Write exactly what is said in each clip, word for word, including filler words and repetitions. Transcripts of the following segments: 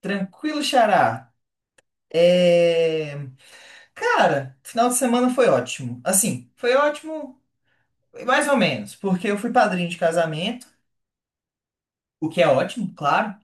Tranquilo, Xará. É. Cara, final de semana foi ótimo. Assim, foi ótimo, mais ou menos, porque eu fui padrinho de casamento, o que é ótimo, claro.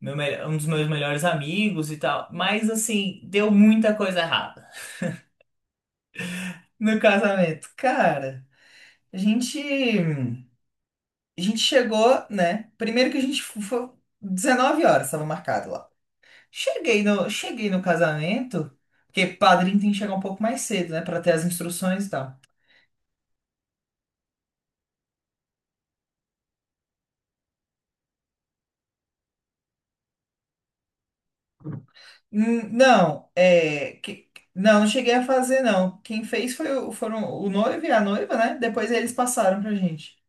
Meu, mel- um dos meus melhores amigos e tal. Mas, assim, deu muita coisa errada no casamento. Cara, a gente, a gente chegou, né? Primeiro que a gente fo- foi 19 horas, estava marcado lá. Cheguei no, cheguei no casamento, porque padrinho tem que chegar um pouco mais cedo, né? Pra ter as instruções e tal. Hum, Não, é, que- não, não cheguei a fazer, não. Quem fez foi o, foram o noivo e a noiva, né? Depois eles passaram pra gente.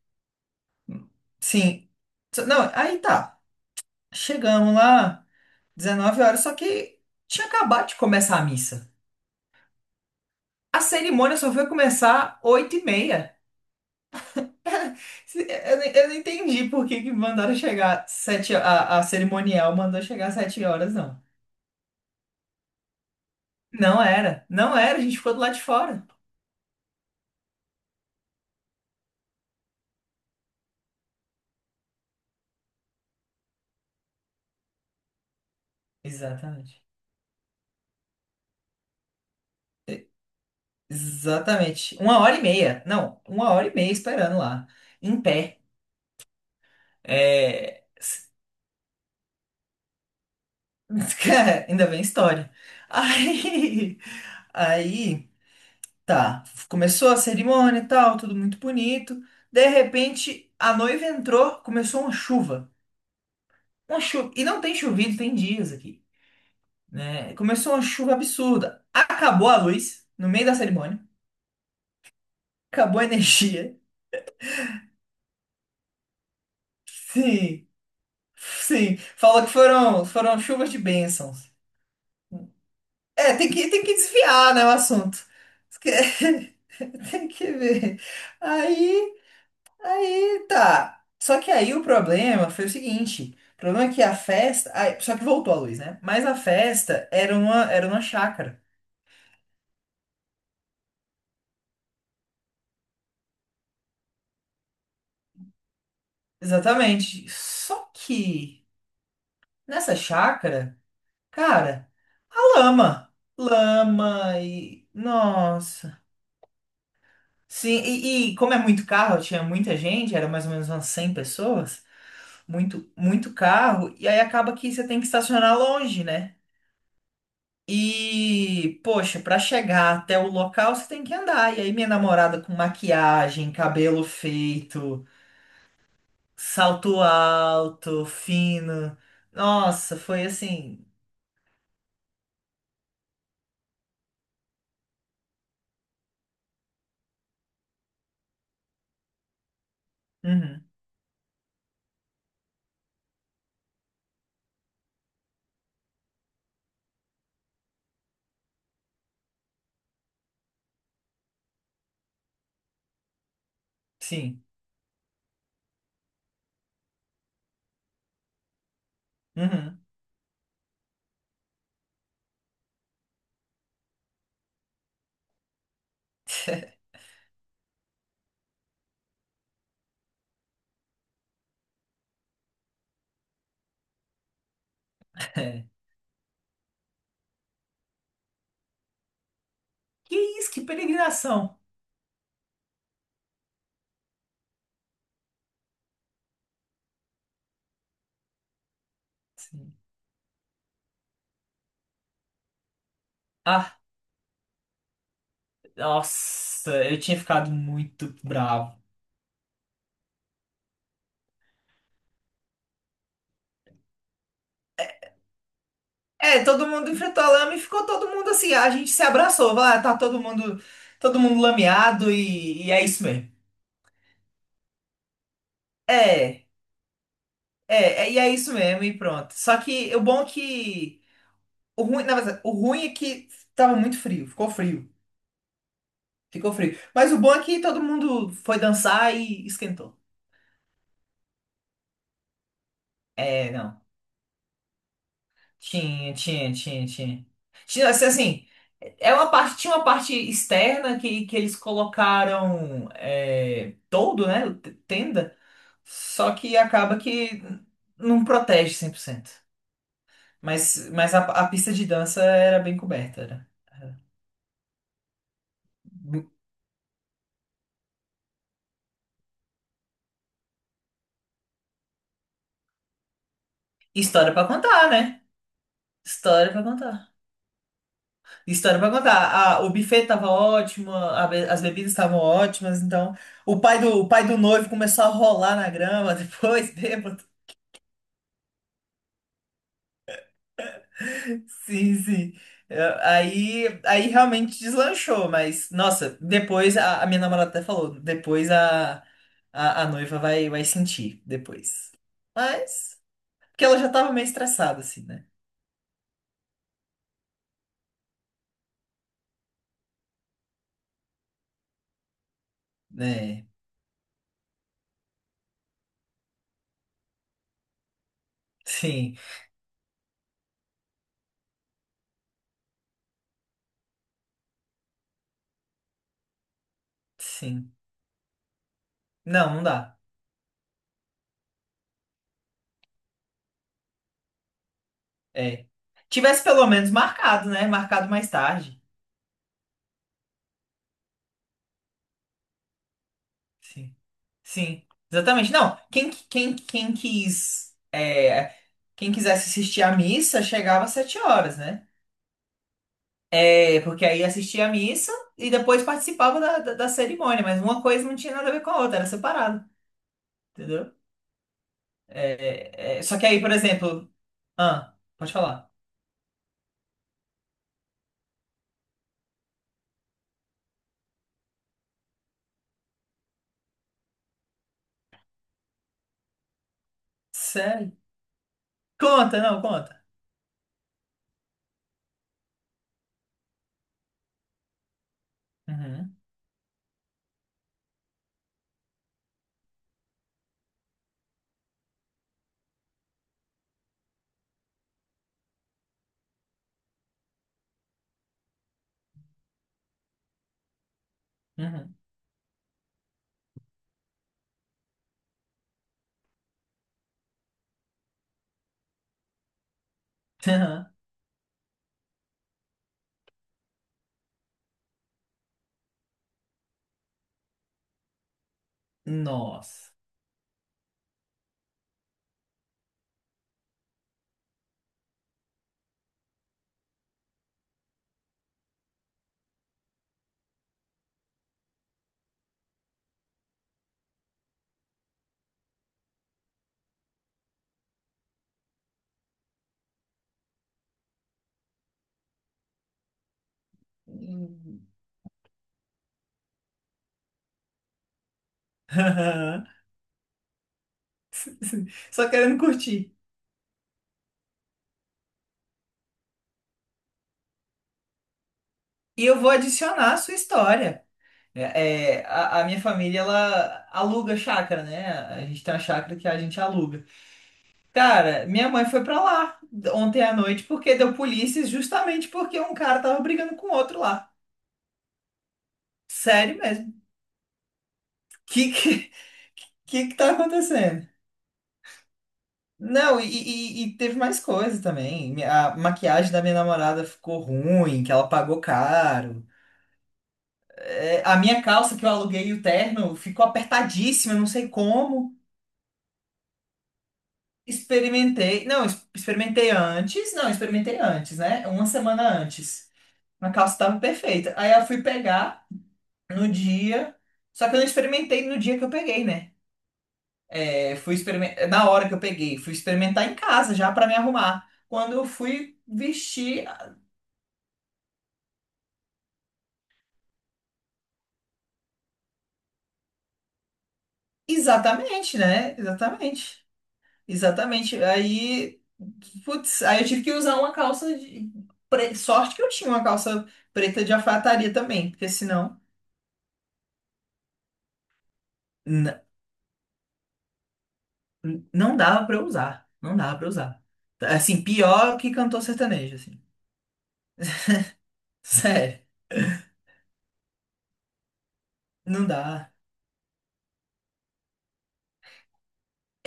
Sim. So- Não, aí tá. Chegamos lá, dezenove horas, só que tinha acabado de começar a missa. A cerimônia só foi começar oito e meia. Se- é, Eu, não- eu não entendi por que que mandaram chegar sete a, a cerimonial mandou chegar às 7 horas, não. Não era, não era, a gente ficou do lado de fora. Exatamente. Exatamente. Uma hora e meia. Não, uma hora e meia esperando lá. Em pé. É... s- Cara, ainda bem história. Aí. Aí. Tá. Começou a cerimônia e tal, tudo muito bonito. De repente, a noiva entrou, começou uma chuva. Uma chuva. E não tem chovido, tem dias aqui, né? Começou uma chuva absurda. Acabou a luz no meio da cerimônia. Acabou a energia. Sim. Sim. Falou que foram, foram chuvas de bênçãos. É, tem que, tem que desviar, né, o assunto. Esque- Tem que ver. Aí, aí tá. Só que aí o problema foi o seguinte. O problema é que a festa. ai, só que voltou a luz, né? Mas a festa era uma, era uma chácara. Exatamente. Só que nessa chácara, cara, a lama. Lama e. Nossa. Sim, e, e como é muito carro, tinha muita gente, era mais ou menos umas cem pessoas. Muito, muito carro, e aí acaba que você tem que estacionar longe, né? E, poxa, para chegar até o local você tem que andar. E aí minha namorada com maquiagem, cabelo feito, salto alto, fino. Nossa, foi assim. Uhum, sim. Uhum. É. Que isso, que peregrinação. Sim. Ah, nossa, eu tinha ficado muito bravo. É, todo mundo enfrentou a lama e ficou todo mundo assim. A gente se abraçou, vai, tá todo mundo, todo mundo lameado e, e é isso mesmo. É, é, é, e é isso mesmo, e pronto. Só que o bom é que. O ruim, na verdade, o ruim é que tava muito frio, ficou frio, ficou frio. Mas o bom é que todo mundo foi dançar e esquentou. É, não. Tinha, tinha, tinha, tinha. Tinha, assim, assim, é uma parte, tinha uma parte externa que, que eles colocaram é, todo, né? Tenda. Só que acaba que não protege cem por cento. Mas, mas a, a pista de dança era bem coberta, era. História pra contar, né? História pra contar. História pra contar. A- o buffet tava ótimo, a be- as bebidas estavam ótimas, então o pai do, o pai do noivo começou a rolar na grama depois, bêbado. Sim, sim. Eu- Aí, aí realmente deslanchou, mas nossa, depois a, a minha namorada até falou, depois a, a, a noiva vai, vai sentir depois. Mas, porque ela já tava meio estressada, assim, né? É, sim, sim. Não, não dá. É. Tivesse pelo menos marcado, né? Marcado mais tarde. Sim, sim, exatamente. Não, quem, quem, quem quis, é, quem quisesse assistir à missa chegava às sete horas, né? É, porque aí assistia a missa e depois participava da, da, da cerimônia, mas uma coisa não tinha nada a ver com a outra, era separado, entendeu? É, é, é, só que aí, por exemplo, ah, pode falar. Sério? Conta, não, conta. Uhum, uhum. Aham. Nossa. Hum. Só querendo curtir. E eu vou adicionar a sua história. É, é, a, a minha família, ela aluga chácara, né? A gente tem uma chácara que a gente aluga. Cara, minha mãe foi pra lá ontem à noite porque deu polícia justamente porque um cara tava brigando com outro lá. Sério mesmo. Que que, que, que tá acontecendo? Não, e, e- e teve mais coisa também. A maquiagem da minha namorada ficou ruim, que ela pagou caro. É, a minha calça que eu aluguei, o terno, ficou apertadíssima, não sei como. Experimentei. Não, es- experimentei antes. Não, experimentei antes, né? Uma semana antes. A calça tava perfeita. Aí eu fui pegar. no dia. Só que eu não experimentei no dia que eu peguei, né? É, fui experimentar, na hora que eu peguei, fui experimentar em casa já pra me arrumar. Quando eu fui vestir, exatamente, né? Exatamente. Exatamente. Aí, putz, aí eu tive que usar uma calça de pre- sorte que eu tinha uma calça preta de alfaiataria também, porque senão n- não dava pra eu usar, não dava pra eu usar. Assim, pior que cantor sertanejo, assim. Sério, não dá.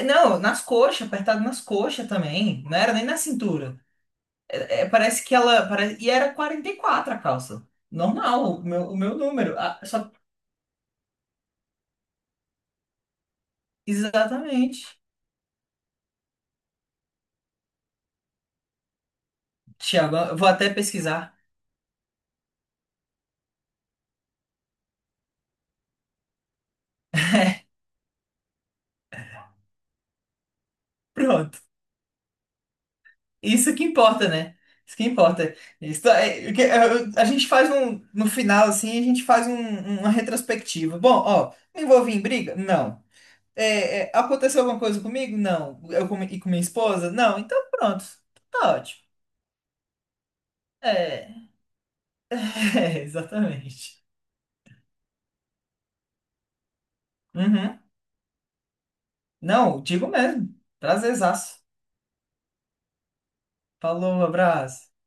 Não, nas coxas, apertado nas coxas também. Não era nem na cintura. É- é, parece que ela. Pare. E era quarenta e quatro a calça. Normal, o meu, o meu número. Ah, só. Exatamente. Tiago, eu vou até pesquisar. Pronto. Isso que importa, né? Isso que importa. Isso, é- que- é, a gente faz um. No final, assim, a gente faz um- um, uma retrospectiva. Bom, ó, me envolvi em briga? Não. É, é, aconteceu alguma coisa comigo? Não. Eu com, e com minha esposa? Não. Então, pronto. Tá ótimo. É. É, exatamente. Uhum. Não, digo mesmo. Prazerzaço. Falou, abraço.